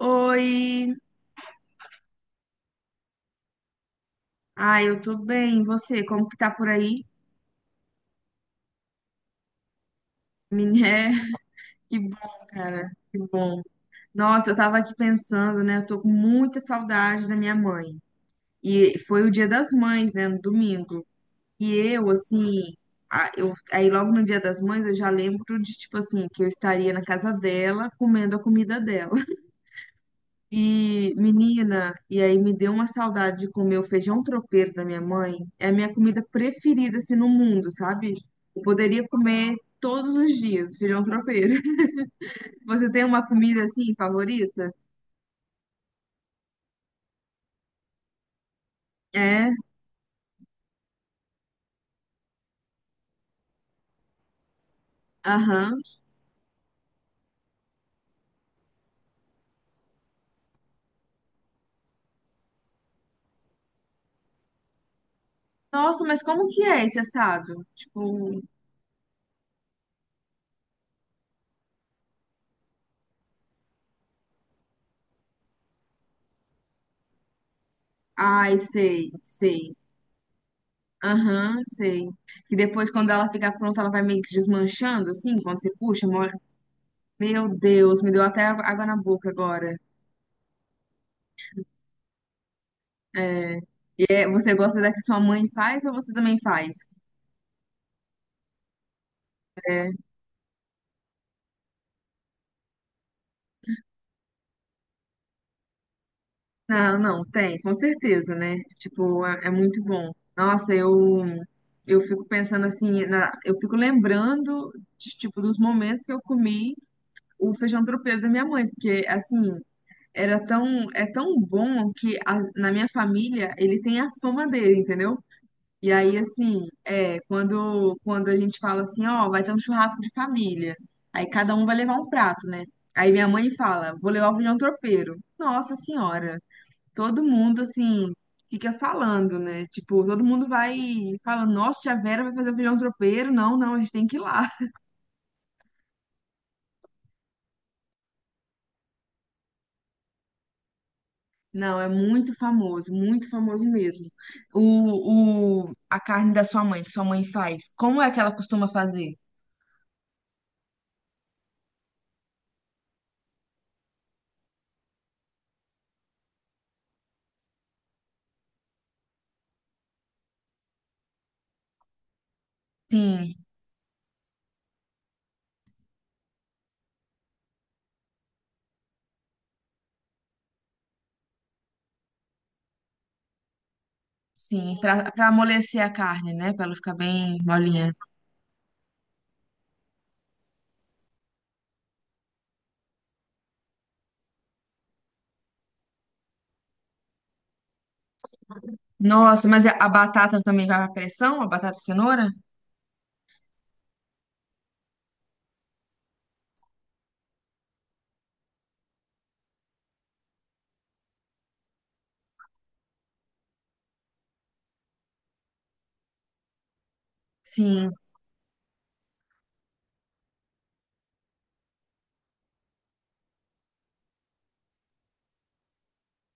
Oi, ai, eu tô bem. E você, como que tá por aí? Miné, que bom, cara, que bom. Nossa, eu tava aqui pensando, né? Eu tô com muita saudade da minha mãe. E foi o Dia das Mães, né, no domingo. E eu, assim, eu, aí logo no Dia das Mães eu já lembro de, tipo assim, que eu estaria na casa dela comendo a comida dela. E, menina, e aí me deu uma saudade de comer o feijão tropeiro da minha mãe. É a minha comida preferida, assim, no mundo, sabe? Eu poderia comer todos os dias feijão tropeiro. Você tem uma comida, assim, favorita? É, aham. Nossa, mas como que é esse assado? Tipo, ai, sei, sei. Aham, sei. E depois, quando ela ficar pronta, ela vai meio que desmanchando, assim, quando você puxa, mole. Meu Deus, me deu até água na boca agora. É. É, você gosta da que sua mãe faz ou você também faz? Não, não, tem, com certeza, né? Tipo, é, é muito bom. Nossa, eu fico pensando assim, eu fico lembrando de, tipo dos momentos que eu comi o feijão tropeiro da minha mãe, porque assim, era tão é tão bom na minha família ele tem a fama dele, entendeu? E aí, assim, é, quando a gente fala assim, ó, vai ter um churrasco de família. Aí cada um vai levar um prato, né? Aí minha mãe fala, vou levar o feijão tropeiro. Nossa senhora, todo mundo, assim, fica falando, né? Tipo, todo mundo vai falando, nossa, tia Vera vai fazer o feijão tropeiro. Não, não, a gente tem que ir lá. Não, é muito famoso mesmo. O, a carne da sua mãe, que sua mãe faz, como é que ela costuma fazer? Sim, sim, pra amolecer a carne, né? Pra ela ficar bem molinha. Nossa, mas a batata também vai pra pressão? A batata e cenoura? Sim.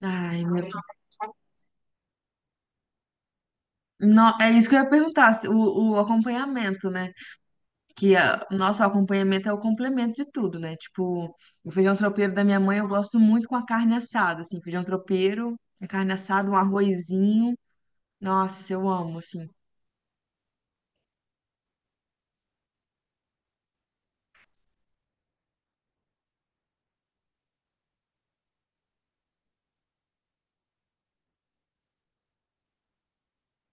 Ai, meu Deus. É isso que eu ia perguntar, o acompanhamento, né? Que a, nosso acompanhamento é o complemento de tudo, né? Tipo, o feijão tropeiro da minha mãe eu gosto muito com a carne assada, assim, feijão tropeiro, a carne assada, um arrozinho. Nossa, eu amo, assim.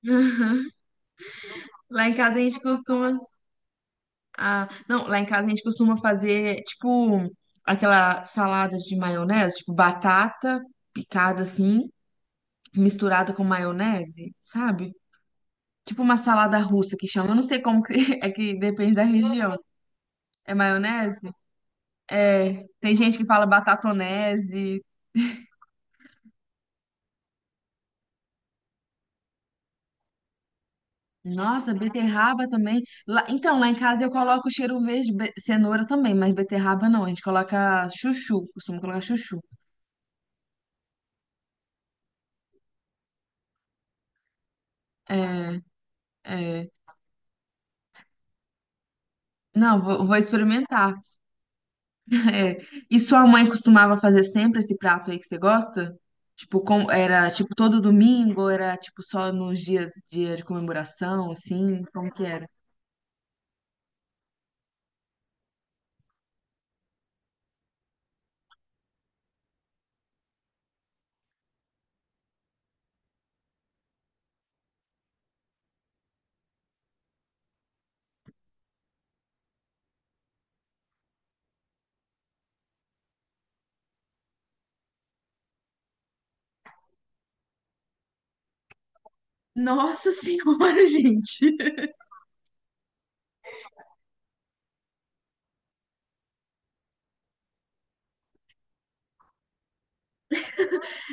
Lá em casa a gente costuma ah, não, lá em casa a gente costuma fazer, tipo, aquela salada de maionese, tipo, batata picada assim, misturada com maionese, sabe? Tipo uma salada russa que chama, eu não sei como que é que depende da região. É maionese? É, tem gente que fala batatonese. Nossa, beterraba também. Lá- então, lá em casa eu coloco cheiro verde, be- cenoura também, mas beterraba não, a gente coloca chuchu, costuma colocar chuchu. É, é. Não, vou, vou experimentar. É. E sua mãe costumava fazer sempre esse prato aí que você gosta? Tipo, com, era tipo todo domingo, ou era tipo só nos dias dia de comemoração, assim, como que era? Nossa Senhora, gente.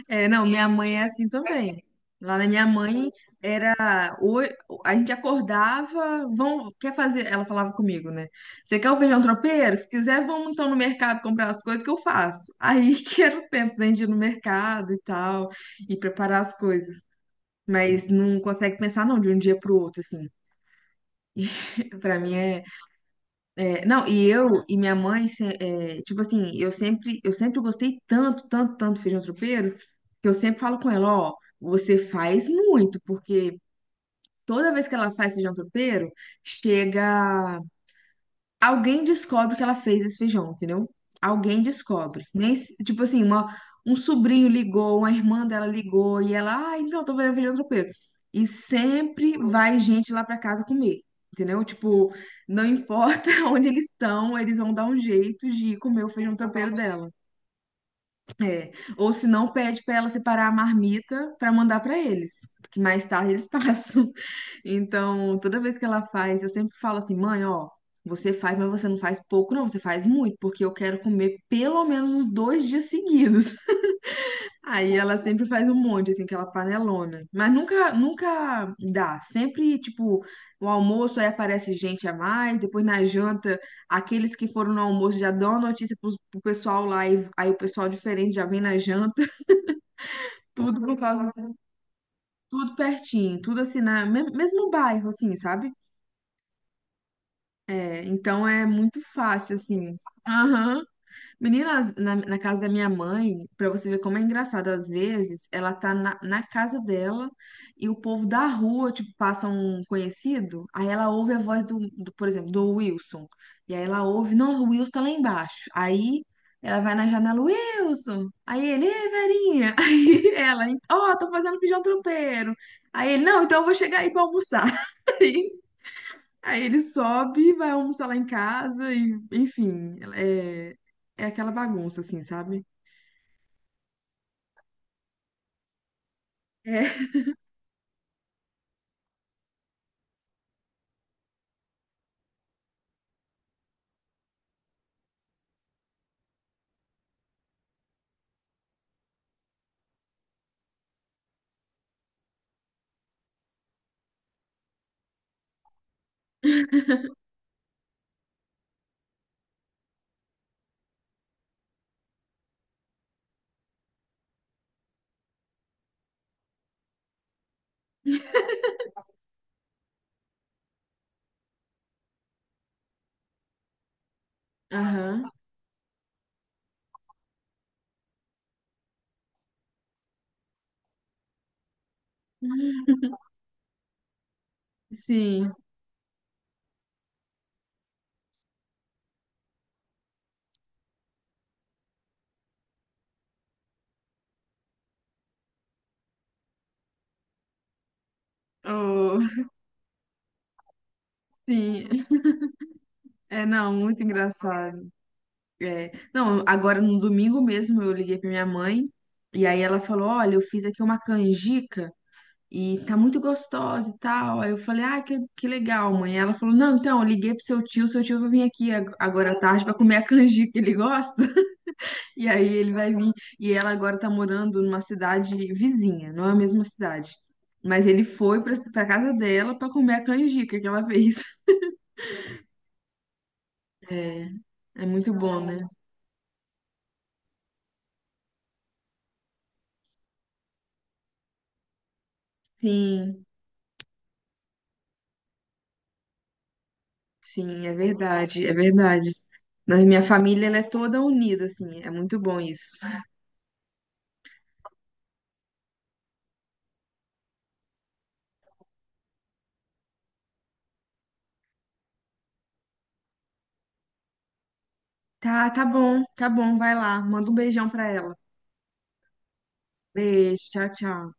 É, não, minha mãe é assim também. Lá na minha mãe era a gente acordava, vão, quer fazer, ela falava comigo, né? Você quer o feijão tropeiro? Se quiser, vamos então no mercado comprar as coisas que eu faço. Aí que era o tempo da gente ir no mercado e tal, e preparar as coisas. Mas não consegue pensar não de um dia pro outro assim. Pra mim é, não, e eu e minha mãe é, tipo assim, eu sempre gostei tanto, tanto, tanto do feijão tropeiro, que eu sempre falo com ela, ó, você faz muito, porque toda vez que ela faz feijão tropeiro, chega alguém descobre que ela fez esse feijão, entendeu? Alguém descobre. Nem, tipo assim, uma, um sobrinho ligou, uma irmã dela ligou e ela, ah, então, tô fazendo feijão tropeiro. E sempre vai gente lá pra casa comer, entendeu? Tipo, não importa onde eles estão, eles vão dar um jeito de comer o feijão tropeiro dela. É, ou se não, pede para ela separar a marmita para mandar para eles, porque mais tarde eles passam. Então, toda vez que ela faz, eu sempre falo assim: mãe, ó, você faz, mas você não faz pouco, não, você faz muito, porque eu quero comer pelo menos uns dois dias seguidos. Aí ela sempre faz um monte, assim, aquela panelona. Mas nunca, nunca dá. Sempre, tipo, o almoço aí aparece gente a mais, depois na janta, aqueles que foram no almoço já dão a notícia pro pessoal lá, e aí o pessoal diferente já vem na janta, tudo por causa, tudo pertinho, tudo assim, na, mesmo bairro, assim, sabe? É, então é muito fácil, assim. Aham. Menina, na, na casa da minha mãe, pra você ver como é engraçado, às vezes ela tá na, na casa dela e o povo da rua, tipo, passa um conhecido, aí ela ouve a voz do, do, por exemplo, do Wilson. E aí ela ouve, não, o Wilson tá lá embaixo. Aí ela vai na janela, Wilson! Aí ele, ei, Verinha! Aí ela, ó, tô fazendo feijão tropeiro. Aí ele, não, então eu vou chegar aí pra almoçar. Aí ele sobe, vai almoçar lá em casa e, enfim, é, é aquela bagunça, assim, sabe? É. Aham. Sim, oh, sim, é não, muito engraçado. É, não, agora no domingo mesmo eu liguei pra minha mãe e aí ela falou: Olha, eu fiz aqui uma canjica e tá muito gostosa e tal. Aí eu falei: Ah, que legal, mãe. Ela falou: Não, então, eu liguei pro seu tio vai vir aqui agora à tarde pra comer a canjica, ele gosta. E aí ele vai vir. E ela agora tá morando numa cidade vizinha, não é a mesma cidade. Mas ele foi pra, pra casa dela pra comer a canjica que ela fez. É, é muito bom, né? Sim, sim, é verdade, é verdade. Na minha família, ela é toda unida, assim. É muito bom isso. Tá, tá bom, vai lá. Manda um beijão pra ela. Beijo, tchau, tchau.